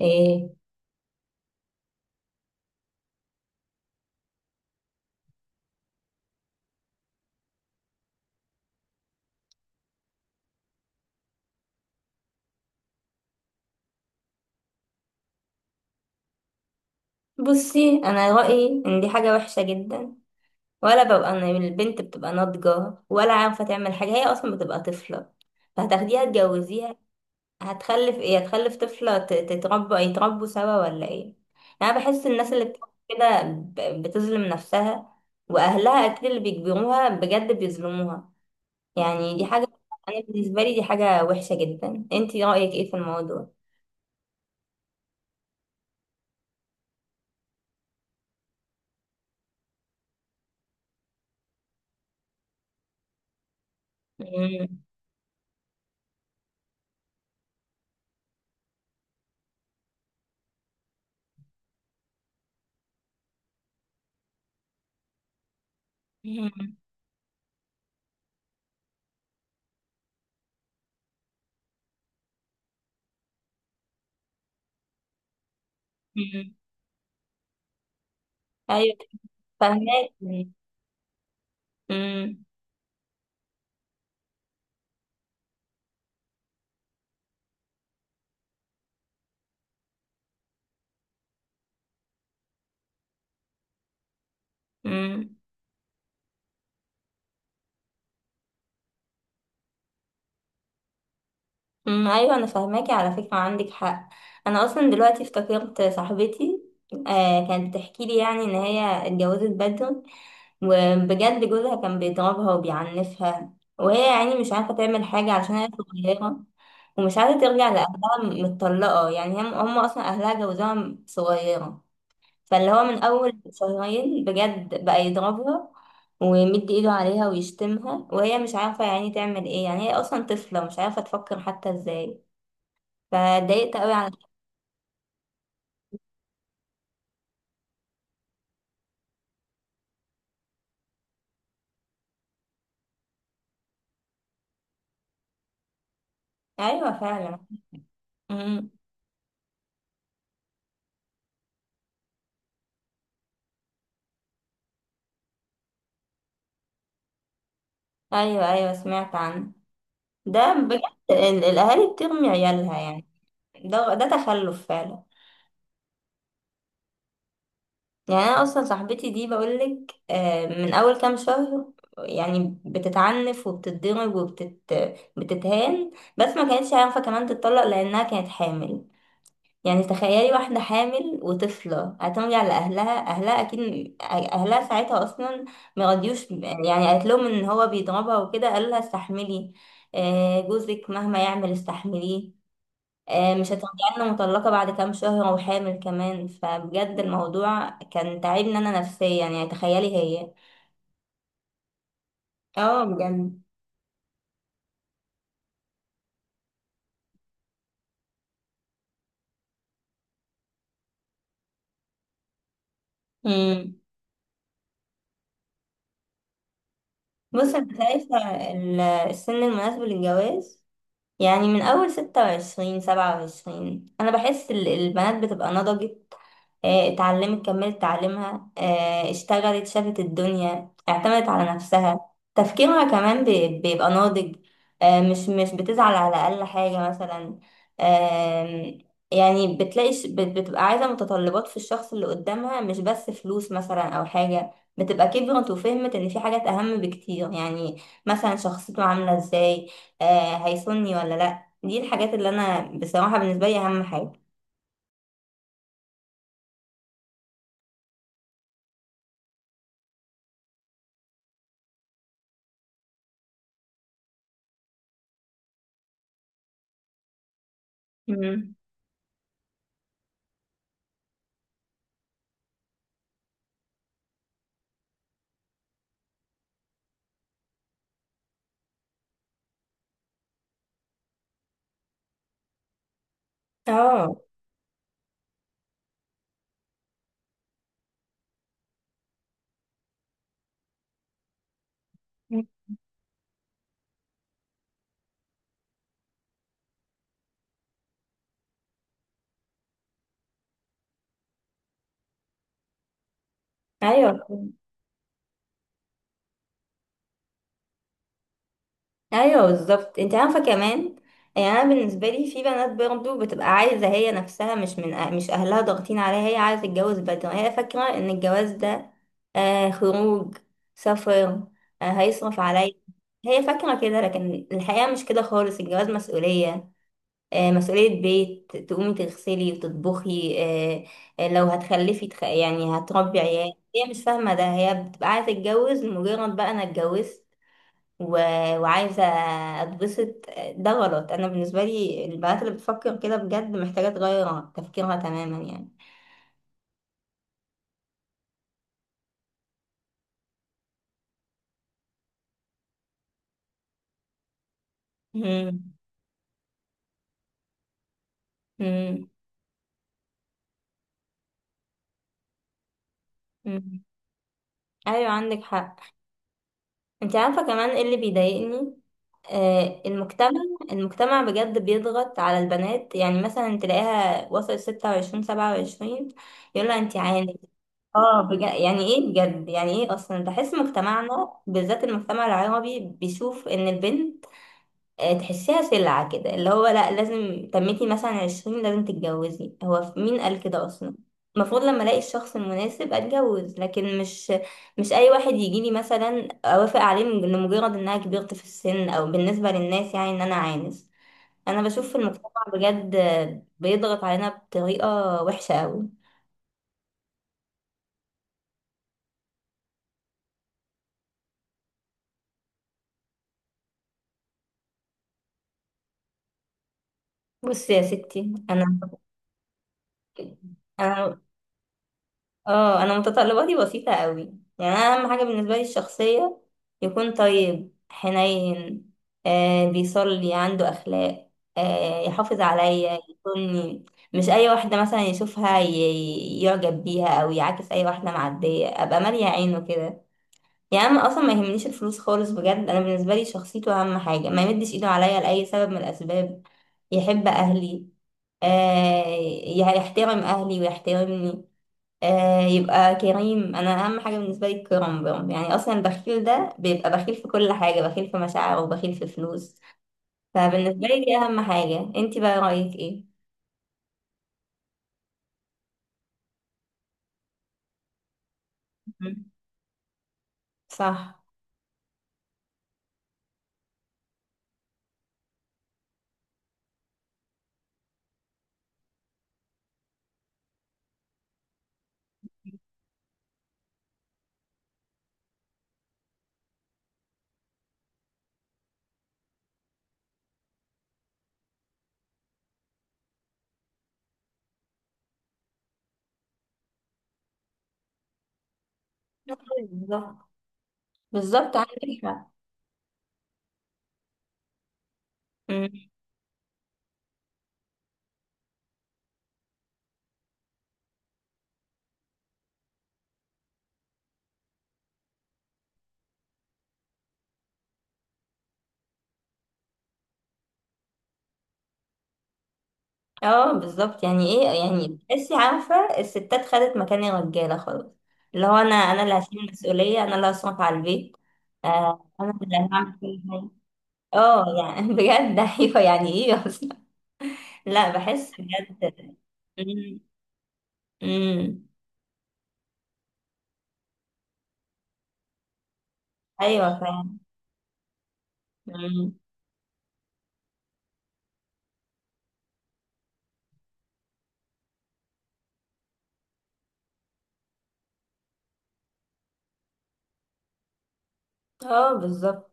ايه، بصي انا رايي ان دي حاجه وحشه جدا. ولا ببقى انا البنت بتبقى ناضجه ولا عارفه تعمل حاجه، هي اصلا بتبقى طفله، فهتاخديها تجوزيها. هتخلف ايه؟ هتخلف طفله تتربى، يتربوا سوا ولا ايه؟ يعني انا بحس الناس اللي بتعمل كده بتظلم نفسها، واهلها اكيد اللي بيجبروها بجد بيظلموها. يعني دي حاجه، انا بالنسبه لي دي حاجه وحشه جدا. انتي رايك ايه في الموضوع؟ مم. مم. مم. ايوه. فاهمك. امم. امم. أمم، ايوه انا فاهماكي على فكره، عندك حق. انا اصلا دلوقتي افتكرت صاحبتي، آه كانت بتحكي لي يعني ان هي اتجوزت بدري، وبجد جوزها كان بيضربها وبيعنفها، وهي يعني مش عارفه تعمل حاجه عشان هي صغيره، ومش عارفه ترجع لاهلها، متطلقه يعني. هم اصلا اهلها جوزها صغيره، فاللي هو من أول شهرين بجد بقى يضربها ويمد ايده عليها ويشتمها، وهي مش عارفة يعني تعمل ايه. يعني هي أصلا طفلة مش عارفة تفكر حتى ازاي. فاتضايقت قوي على… أيوة فعلا. أمم. أيوة أيوة سمعت عنه، ده بجد. الأهالي بترمي عيالها يعني، ده تخلف فعلا. يعني انا اصلا صاحبتي دي، بقولك آه، من اول كام شهر يعني بتتعنف وبتتضرب بتتهان، بس ما كانتش عارفه كمان تتطلق لانها كانت حامل. يعني تخيلي واحده حامل وطفله هترجع لاهلها، اهلها اكيد اهلها ساعتها اصلا ما رضيوش يعني. قالت لهم ان هو بيضربها وكده، قالوا لها استحملي، آه، جوزك مهما يعمل استحمليه، آه، مش هترجعلنا مطلقة بعد كام شهر وحامل كمان. فبجد الموضوع كان تعبني أنا نفسيا، يعني تخيلي هي… اه بجد. امم. بص أنا شايفة السن المناسب للجواز، يعني من أول 26 27، أنا بحس البنات بتبقى نضجت، آه، اتعلمت كملت تعليمها، آه، اشتغلت شافت الدنيا اعتمدت على نفسها. تفكيرها كمان بيبقى ناضج، آه، مش بتزعل على أقل حاجة مثلا. آم، يعني بتلاقي بتبقى عايزة متطلبات في الشخص اللي قدامها، مش بس فلوس مثلا أو حاجة. بتبقى كبرت وفهمت إن في حاجات أهم بكتير، يعني مثلا شخصيته عاملة إزاي، آه، هيسني ولا لأ. دي الحاجات اللي أنا بصراحة بالنسبة لي أهم حاجة. مم. اه. ايوه. ايوه بالظبط. انت عارفه كمان، يعني انا بالنسبه لي في بنات برضو بتبقى عايزه هي نفسها، مش من مش اهلها ضاغطين عليها، هي عايزه تتجوز بدري. هي فاكره ان الجواز ده آه خروج، سفر، آه هيصرف عليا. هي فاكره كده، لكن الحقيقه مش كده خالص. الجواز مسؤوليه، آه مسؤوليه بيت، تقومي تغسلي وتطبخي، آه، آه، لو هتخلفي يعني هتربي عيال. هي مش فاهمه ده، هي بتبقى عايزه تتجوز مجرد بقى انا اتجوزت و... وعايزة اتبسط. ده غلط، انا بالنسبة لي البنات اللي بتفكر كده بجد محتاجة تغير تفكيرها تماما يعني. مم. مم. مم. ايوه عندك حق. انت عارفة كمان ايه اللي بيضايقني؟ آه، المجتمع. المجتمع بجد بيضغط على البنات، يعني مثلا تلاقيها وصلت 26 27، يقولها انت عاني. اه بجد، يعني ايه بجد يعني ايه؟ اصلا بحس مجتمعنا بالذات المجتمع العربي بيشوف ان البنت، آه، تحسيها سلعة كده، اللي هو لا لازم تميتي مثلا 20 لازم تتجوزي. هو مين قال كده أصلا؟ المفروض لما ألاقي الشخص المناسب أتجوز، لكن مش أي واحد يجيلي مثلا أوافق عليه لمجرد إنها كبرت في السن، أو بالنسبة للناس يعني إن أنا عانس. أنا بشوف في المجتمع بجد آه، بيضغط علينا بطريقة وحشة أوي. بصي يا ستي، أنا اه انا متطلباتي بسيطة قوي. يعني انا اهم حاجة بالنسبة لي الشخصية، يكون طيب حنين، آه بيصلي عنده اخلاق، آه يحافظ عليا، يكون مش اي واحدة مثلا يشوفها يعجب بيها او يعاكس اي واحدة معدية، ابقى مالية عينه كده. يعني انا اصلا ما يهمنيش الفلوس خالص، بجد انا بالنسبة لي شخصيته اهم حاجة، ما يمدش ايده عليا لأي سبب من الاسباب، يحب اهلي، آه، يحترم اهلي ويحترمني، آه يبقى كريم. انا اهم حاجه بالنسبه لي الكرم برم، يعني اصلا البخيل ده بيبقى بخيل في كل حاجه، بخيل في مشاعره وبخيل في فلوس. فبالنسبه لي دي اهم حاجه. انتي بقى رايك ايه؟ مم. صح. بالظبط، بالظبط عندك حق. مم. اه بالظبط، يعني ايه يعني بتحسي، عارفه الستات خدت مكان الرجاله خلاص. اللي هو انا اللي هشيل المسؤوليه، انا اللي هصرف على البيت، آه انا اللي هعمل كل حاجه. اه يعني بجد ايوه يعني ايه اصلا. لا بحس بجد. مم. مم. ايوه فعلا. مم. اه بالظبط.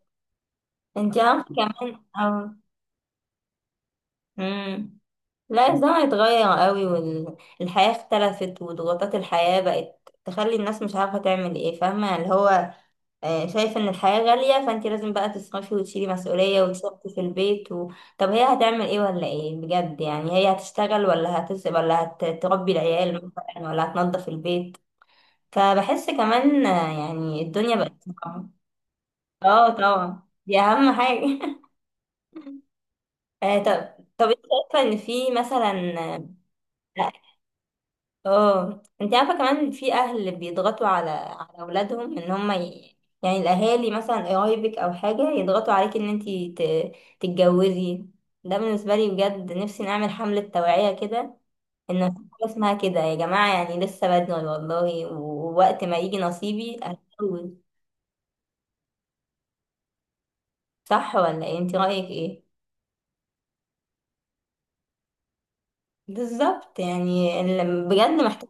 انت عارفه كمان اه. مم. لا الزمن اتغير قوي، والحياه اختلفت، وضغوطات الحياه بقت تخلي الناس مش عارفه تعمل ايه. فاهمه اللي هو، آه، شايف ان الحياه غاليه، فانت لازم بقى تصرفي وتشيلي مسؤوليه وتصرفي في البيت طب هي هتعمل ايه ولا ايه بجد؟ يعني هي هتشتغل، ولا ولا هتربي العيال مثلا، ولا هتنظف البيت؟ فبحس كمان آه، يعني الدنيا بقت صعبة. اه طبعا دي اهم حاجة آه، طب انت شايفة ان في مثلا… اه، آه، انت عارفة كمان في اهل بيضغطوا على اولادهم ان هم يعني الاهالي مثلا قرايبك او حاجة يضغطوا عليك ان انت ت... تتجوزي. ده بالنسبة لي بجد نفسي نعمل حملة توعية كده، ان في حاجة اسمها كده يا جماعة، يعني لسه بدري والله، ووقت ما يجي نصيبي هتجوز. صح ولا ايه؟ انت رأيك ايه؟ بالظبط، يعني بجد محتاج،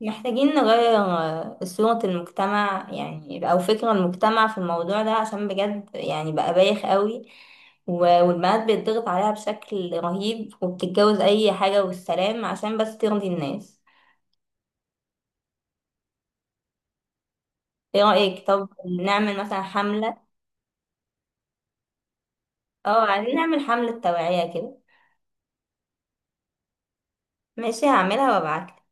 محتاجين نغير آه، صورة المجتمع يعني، او فكر المجتمع في الموضوع ده، عشان بجد يعني بقى بايخ قوي. والبنات بيتضغط عليها بشكل رهيب، وبتتجوز اي حاجة والسلام عشان بس ترضي الناس. ايه رأيك؟ طب نعمل مثلا حملة. اه عايزين نعمل حملة توعية كده، ماشي هعملها وابعتلك.